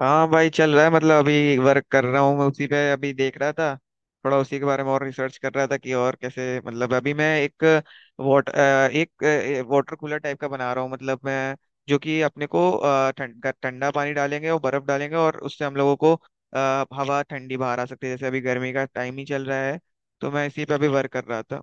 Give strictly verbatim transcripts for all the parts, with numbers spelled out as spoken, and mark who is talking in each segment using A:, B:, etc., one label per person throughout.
A: हाँ भाई, चल रहा है। मतलब अभी वर्क कर रहा हूँ मैं, उसी पे अभी देख रहा था। थोड़ा उसी के बारे में और रिसर्च कर रहा था कि और कैसे। मतलब अभी मैं एक वाटर एक वाटर कूलर टाइप का बना रहा हूँ मतलब मैं। जो कि अपने को अ, ठंड ठंडा पानी डालेंगे और बर्फ डालेंगे, और उससे हम लोगों को अ, हवा ठंडी बाहर आ सकती है। जैसे अभी गर्मी का टाइम ही चल रहा है, तो मैं इसी पे अभी वर्क कर रहा था।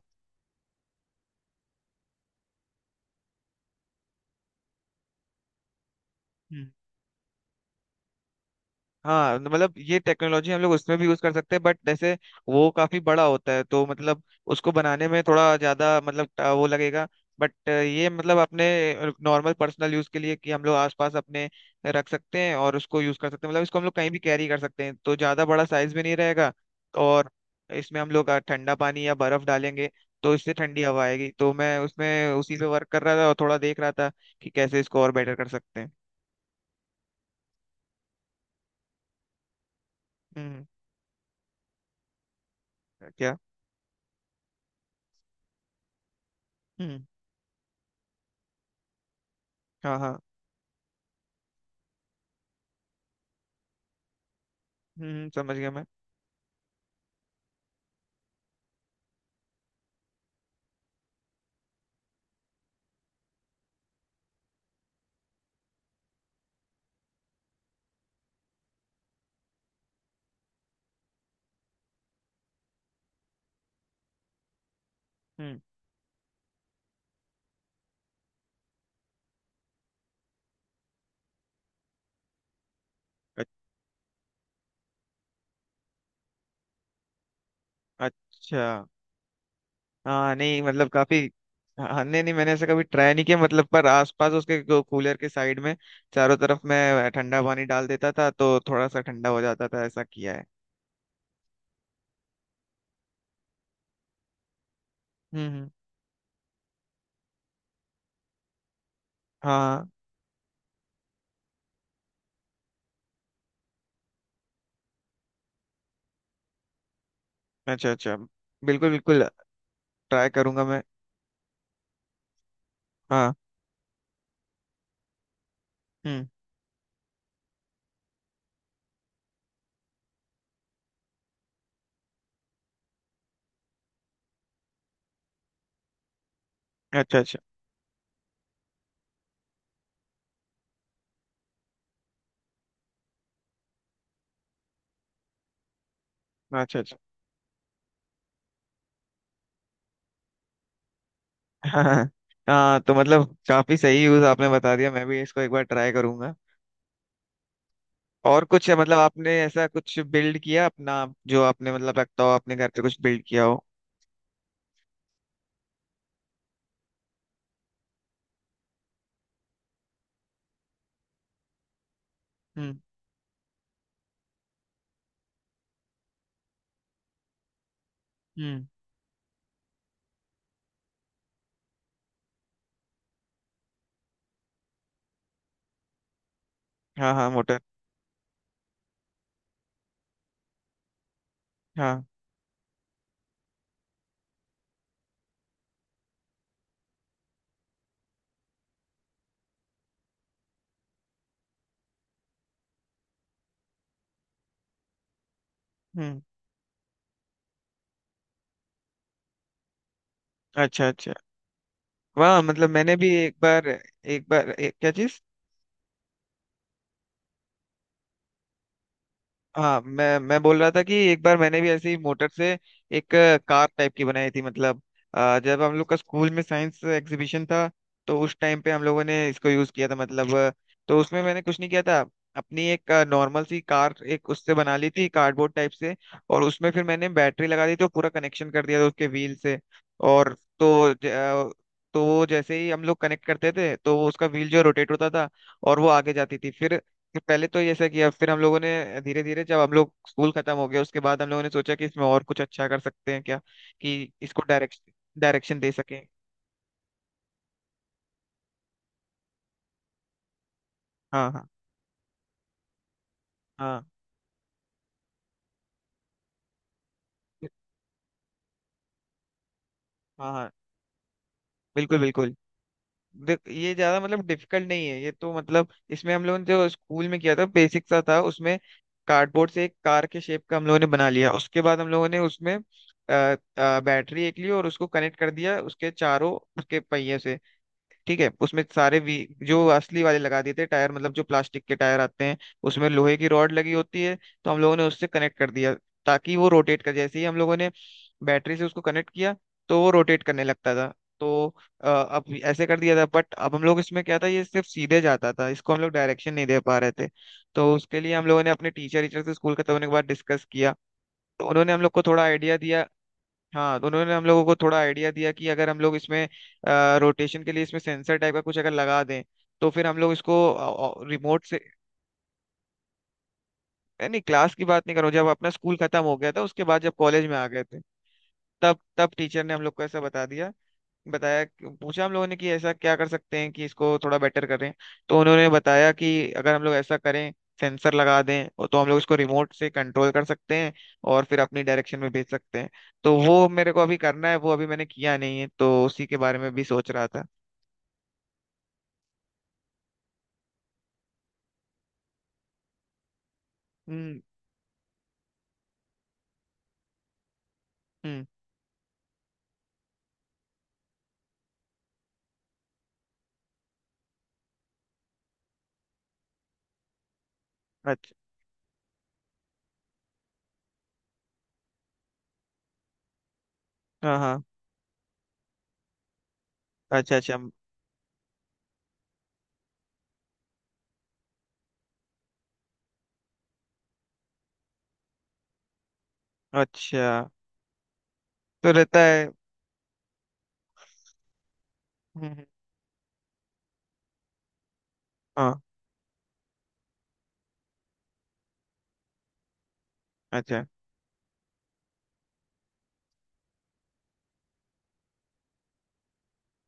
A: हाँ, तो मतलब ये टेक्नोलॉजी हम लोग उसमें भी यूज कर सकते हैं, बट जैसे वो काफी बड़ा होता है, तो मतलब उसको बनाने में थोड़ा ज्यादा मतलब टा- वो लगेगा। बट ये मतलब अपने नॉर्मल पर्सनल यूज के लिए कि हम लोग आसपास अपने रख सकते हैं और उसको यूज कर सकते हैं। मतलब इसको हम लोग कहीं भी कैरी कर सकते हैं, तो ज्यादा बड़ा साइज भी नहीं रहेगा। और इसमें हम लोग अ, ठंडा पानी या बर्फ डालेंगे, तो इससे ठंडी हवा आएगी। तो मैं उसमें उसी पे वर्क कर रहा था, और थोड़ा देख रहा था कि कैसे इसको और बेटर कर सकते हैं। हम्म। क्या? हम्म। हाँ, हाँ। हम्म, समझ गया मैं। हम्म। अ- अच्छा। हाँ, नहीं मतलब काफी। हाँ, नहीं नहीं, मैंने ऐसा कभी ट्राई नहीं किया। मतलब पर आसपास उसके कूलर के साइड में चारों तरफ मैं ठंडा पानी डाल देता था, तो थोड़ा सा ठंडा हो जाता था, ऐसा किया है। हम्म, हम्म, हाँ। अच्छा, अच्छा। बिल्कुल, बिल्कुल। ट्राई करूंगा मैं। हाँ। हम्म। अच्छा, अच्छा, अच्छा, अच्छा। हाँ। हाँ, तो मतलब काफी सही यूज आपने बता दिया, मैं भी इसको एक बार ट्राई करूंगा। और कुछ है मतलब, आपने ऐसा कुछ बिल्ड किया अपना, जो आपने मतलब रखता हो, आपने घर पे कुछ बिल्ड किया हो? हम्म, हम्म। हाँ, हाँ। मोटर। हाँ। हम्म। अच्छा, अच्छा। वाह, मतलब मैंने भी एक बार एक बार एक, क्या चीज। हाँ, मैं मैं बोल रहा था कि एक बार मैंने भी ऐसे ही मोटर से एक अ, कार टाइप की बनाई थी। मतलब अ, जब हम लोग का स्कूल में साइंस एग्जीबिशन था, तो उस टाइम पे हम लोगों ने इसको यूज किया था मतलब। अ, तो उसमें मैंने कुछ नहीं किया था, अपनी एक नॉर्मल सी कार एक उससे बना ली थी कार्डबोर्ड टाइप से। और उसमें फिर मैंने बैटरी लगा दी, तो पूरा कनेक्शन कर दिया था उसके व्हील से। और तो ज- अ, तो वो जैसे ही हम लोग कनेक्ट करते थे, तो वो उसका व्हील जो रोटेट होता था, और वो आगे जाती थी। फिर कि पहले तो ये ऐसा किया, फिर हम लोगों ने धीरे धीरे, जब हम लोग स्कूल खत्म हो गया, उसके बाद हम लोगों ने सोचा कि इसमें और कुछ अच्छा कर सकते हैं क्या, कि इसको डायरेक्शन डायरेक्शन दे सकें। हाँ, हाँ, हाँ, हाँ, हाँ। बिल्कुल, बिल्कुल। देख, ये ज्यादा मतलब डिफिकल्ट नहीं है। ये तो मतलब इसमें हम लोगों ने जो स्कूल में किया था बेसिक सा था उसमें। कार्डबोर्ड से एक कार के शेप का हम लोगों ने बना लिया। उसके बाद हम लोगों ने उसमें अ, अ, बैटरी एक ली और उसको कनेक्ट कर दिया उसके चारों, उसके पहिए से। ठीक है, उसमें सारे वी जो असली वाले लगा दिए थे टायर, मतलब जो प्लास्टिक के टायर आते हैं उसमें लोहे की रॉड लगी होती है, तो हम लोगों ने उससे कनेक्ट कर दिया ताकि वो रोटेट कर। जैसे ही हम लोगों ने बैटरी से उसको कनेक्ट किया, तो वो रोटेट करने लगता था। तो अ, अब ऐसे कर दिया था, बट अब हम लोग इसमें क्या था, ये सिर्फ सीधे जाता था, इसको हम लोग डायरेक्शन नहीं दे पा रहे थे। तो उसके लिए हम लोगों ने अपने टीचर टीचर से स्कूल खत्म होने के बाद डिस्कस किया। तो उन्होंने हम लोग को थोड़ा आइडिया दिया। हाँ, तो उन्होंने हम लोगों को थोड़ा आइडिया दिया कि अगर हम लोग इसमें रोटेशन के लिए इसमें सेंसर टाइप का कुछ अगर लगा दें, तो फिर हम लोग इसको रिमोट से। ए, नहीं, क्लास की बात नहीं करूँ, जब अपना स्कूल खत्म हो गया था, उसके बाद जब कॉलेज में आ गए थे, तब तब टीचर ने हम लोग को ऐसा बता दिया, बताया। पूछा हम लोगों ने कि ऐसा क्या कर सकते हैं कि इसको थोड़ा बेटर करें। तो उन्होंने बताया कि अगर हम लोग ऐसा करें, सेंसर लगा दें, और तो हम लोग इसको रिमोट से कंट्रोल कर सकते हैं, और फिर अपनी डायरेक्शन में भेज सकते हैं। तो वो मेरे को अभी करना है, वो अभी मैंने किया नहीं है, तो उसी के बारे में भी सोच रहा था। हम्म, हम्म। अच्छा। हाँ, हाँ। अच्छा, अच्छा, अच्छा। तो रहता है। हम्म, हम्म, हाँ। अच्छा।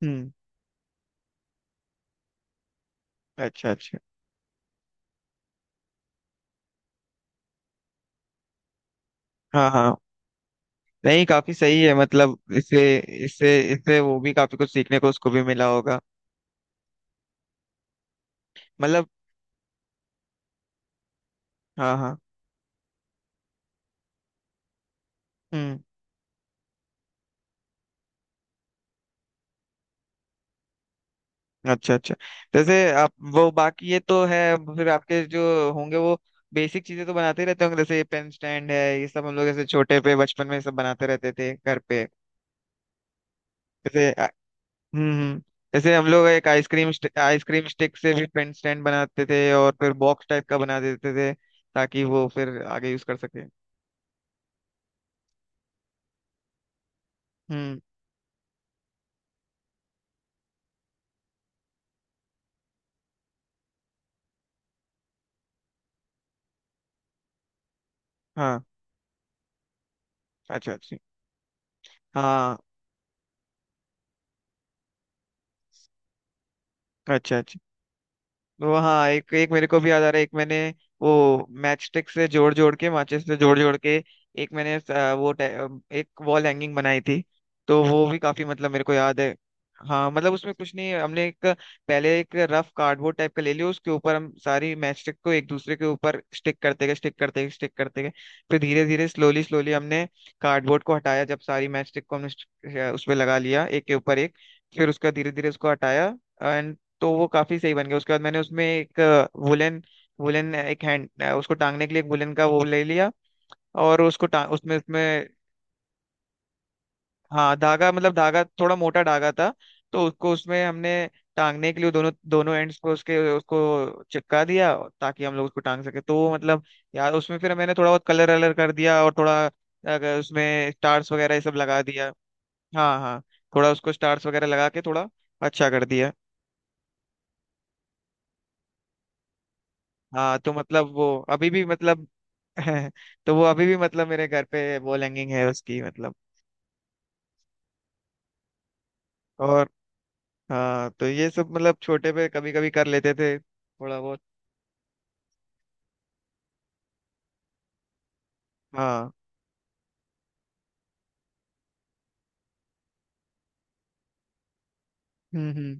A: हम्म। अच्छा, अच्छा। हाँ, हाँ। नहीं, काफी सही है, मतलब इससे इससे इससे वो भी काफी कुछ सीखने को उसको भी मिला होगा, मतलब। हाँ, हाँ। हम्म। अच्छा, अच्छा। जैसे आप वो बाकी ये तो है, फिर आपके जो होंगे वो बेसिक चीजें तो बनाते ही रहते होंगे। जैसे पेन स्टैंड है ये सब, हम लोग जैसे छोटे पे बचपन में सब बनाते रहते थे घर पे। जैसे आ- हम्म, हम्म। जैसे हम लोग एक आइसक्रीम आइसक्रीम स्टिक से भी पेन स्टैंड बनाते थे, और फिर बॉक्स टाइप का बना देते थे ताकि वो फिर आगे यूज कर सके। हम्म। हाँ। अच्छा, अच्छा। हाँ। अच्छा, अच्छा। वो, हाँ, एक एक मेरे को भी याद आ रहा है। एक मैंने वो मैच स्टिक से जोड़ जोड़ के, माचिस से जोड़ जोड़ के, एक मैंने अ, वो टे- अ, एक वॉल हैंगिंग बनाई थी, तो वो भी काफी मतलब मेरे को याद है। हाँ, मतलब उसमें कुछ नहीं है, हमने एक पहले एक रफ कार्डबोर्ड टाइप का ले लिया। उसके ऊपर हम सारी मैच स्टिक को एक दूसरे के ऊपर स्टिक करते गए, स्टिक करते गए, स्टिक करते गए। फिर धीरे धीरे, स्लोली स्लोली, हमने कार्डबोर्ड को हटाया, जब सारी मैच स्टिक को हमने उस पे लगा लिया एक के ऊपर एक। फिर उसका धीरे धीरे उसको हटाया। तो वो काफी सही बन गया, उसके बाद मैंने उसमें एक वुलन वुलन एक हैंड उसको टांगने के लिए, एक वुलन का वो ले लिया, और उसको टांग उसमें उसमें। हाँ, धागा, मतलब धागा थोड़ा मोटा धागा था। तो उसको उसमें हमने टांगने के लिए दोनों दोनों एंड्स को उसके उसको चिपका दिया, ताकि हम लोग उसको टांग सके, तो वो मतलब। यार, उसमें फिर मैंने थोड़ा बहुत कलर वलर कर दिया, और थोड़ा अगर उसमें स्टार्स वगैरह ये सब लगा दिया। हाँ, हाँ। थोड़ा उसको स्टार्स वगैरह लगा के थोड़ा अच्छा कर दिया। हाँ, तो मतलब वो अभी भी मतलब तो वो अभी भी मतलब मेरे घर पे वो हैंगिंग है उसकी, मतलब। और हाँ, तो ये सब मतलब छोटे पे कभी कभी कर लेते थे थोड़ा बहुत। हाँ। हम्म, हम्म।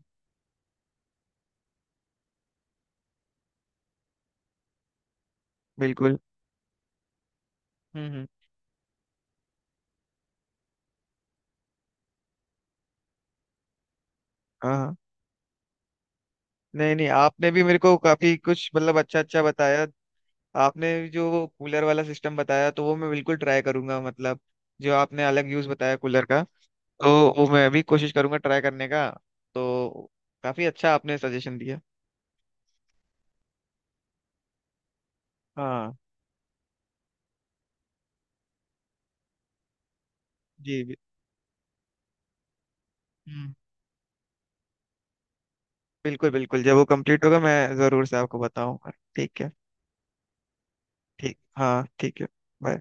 A: बिल्कुल। हम्म, हम्म। हाँ, नहीं नहीं, आपने भी मेरे को काफी कुछ मतलब अच्छा अच्छा बताया। आपने जो वो कूलर वाला सिस्टम बताया, तो वो मैं बिल्कुल ट्राई करूंगा, मतलब जो आपने अलग यूज बताया कूलर का, तो वो मैं भी कोशिश करूंगा ट्राई करने का, तो काफी अच्छा आपने सजेशन दिया। हाँ। जी। हम्म। बिल्कुल, बिल्कुल, जब वो कंप्लीट होगा मैं जरूर से आपको बताऊंगा। ठीक है। ठीक, हाँ, ठीक है। bye।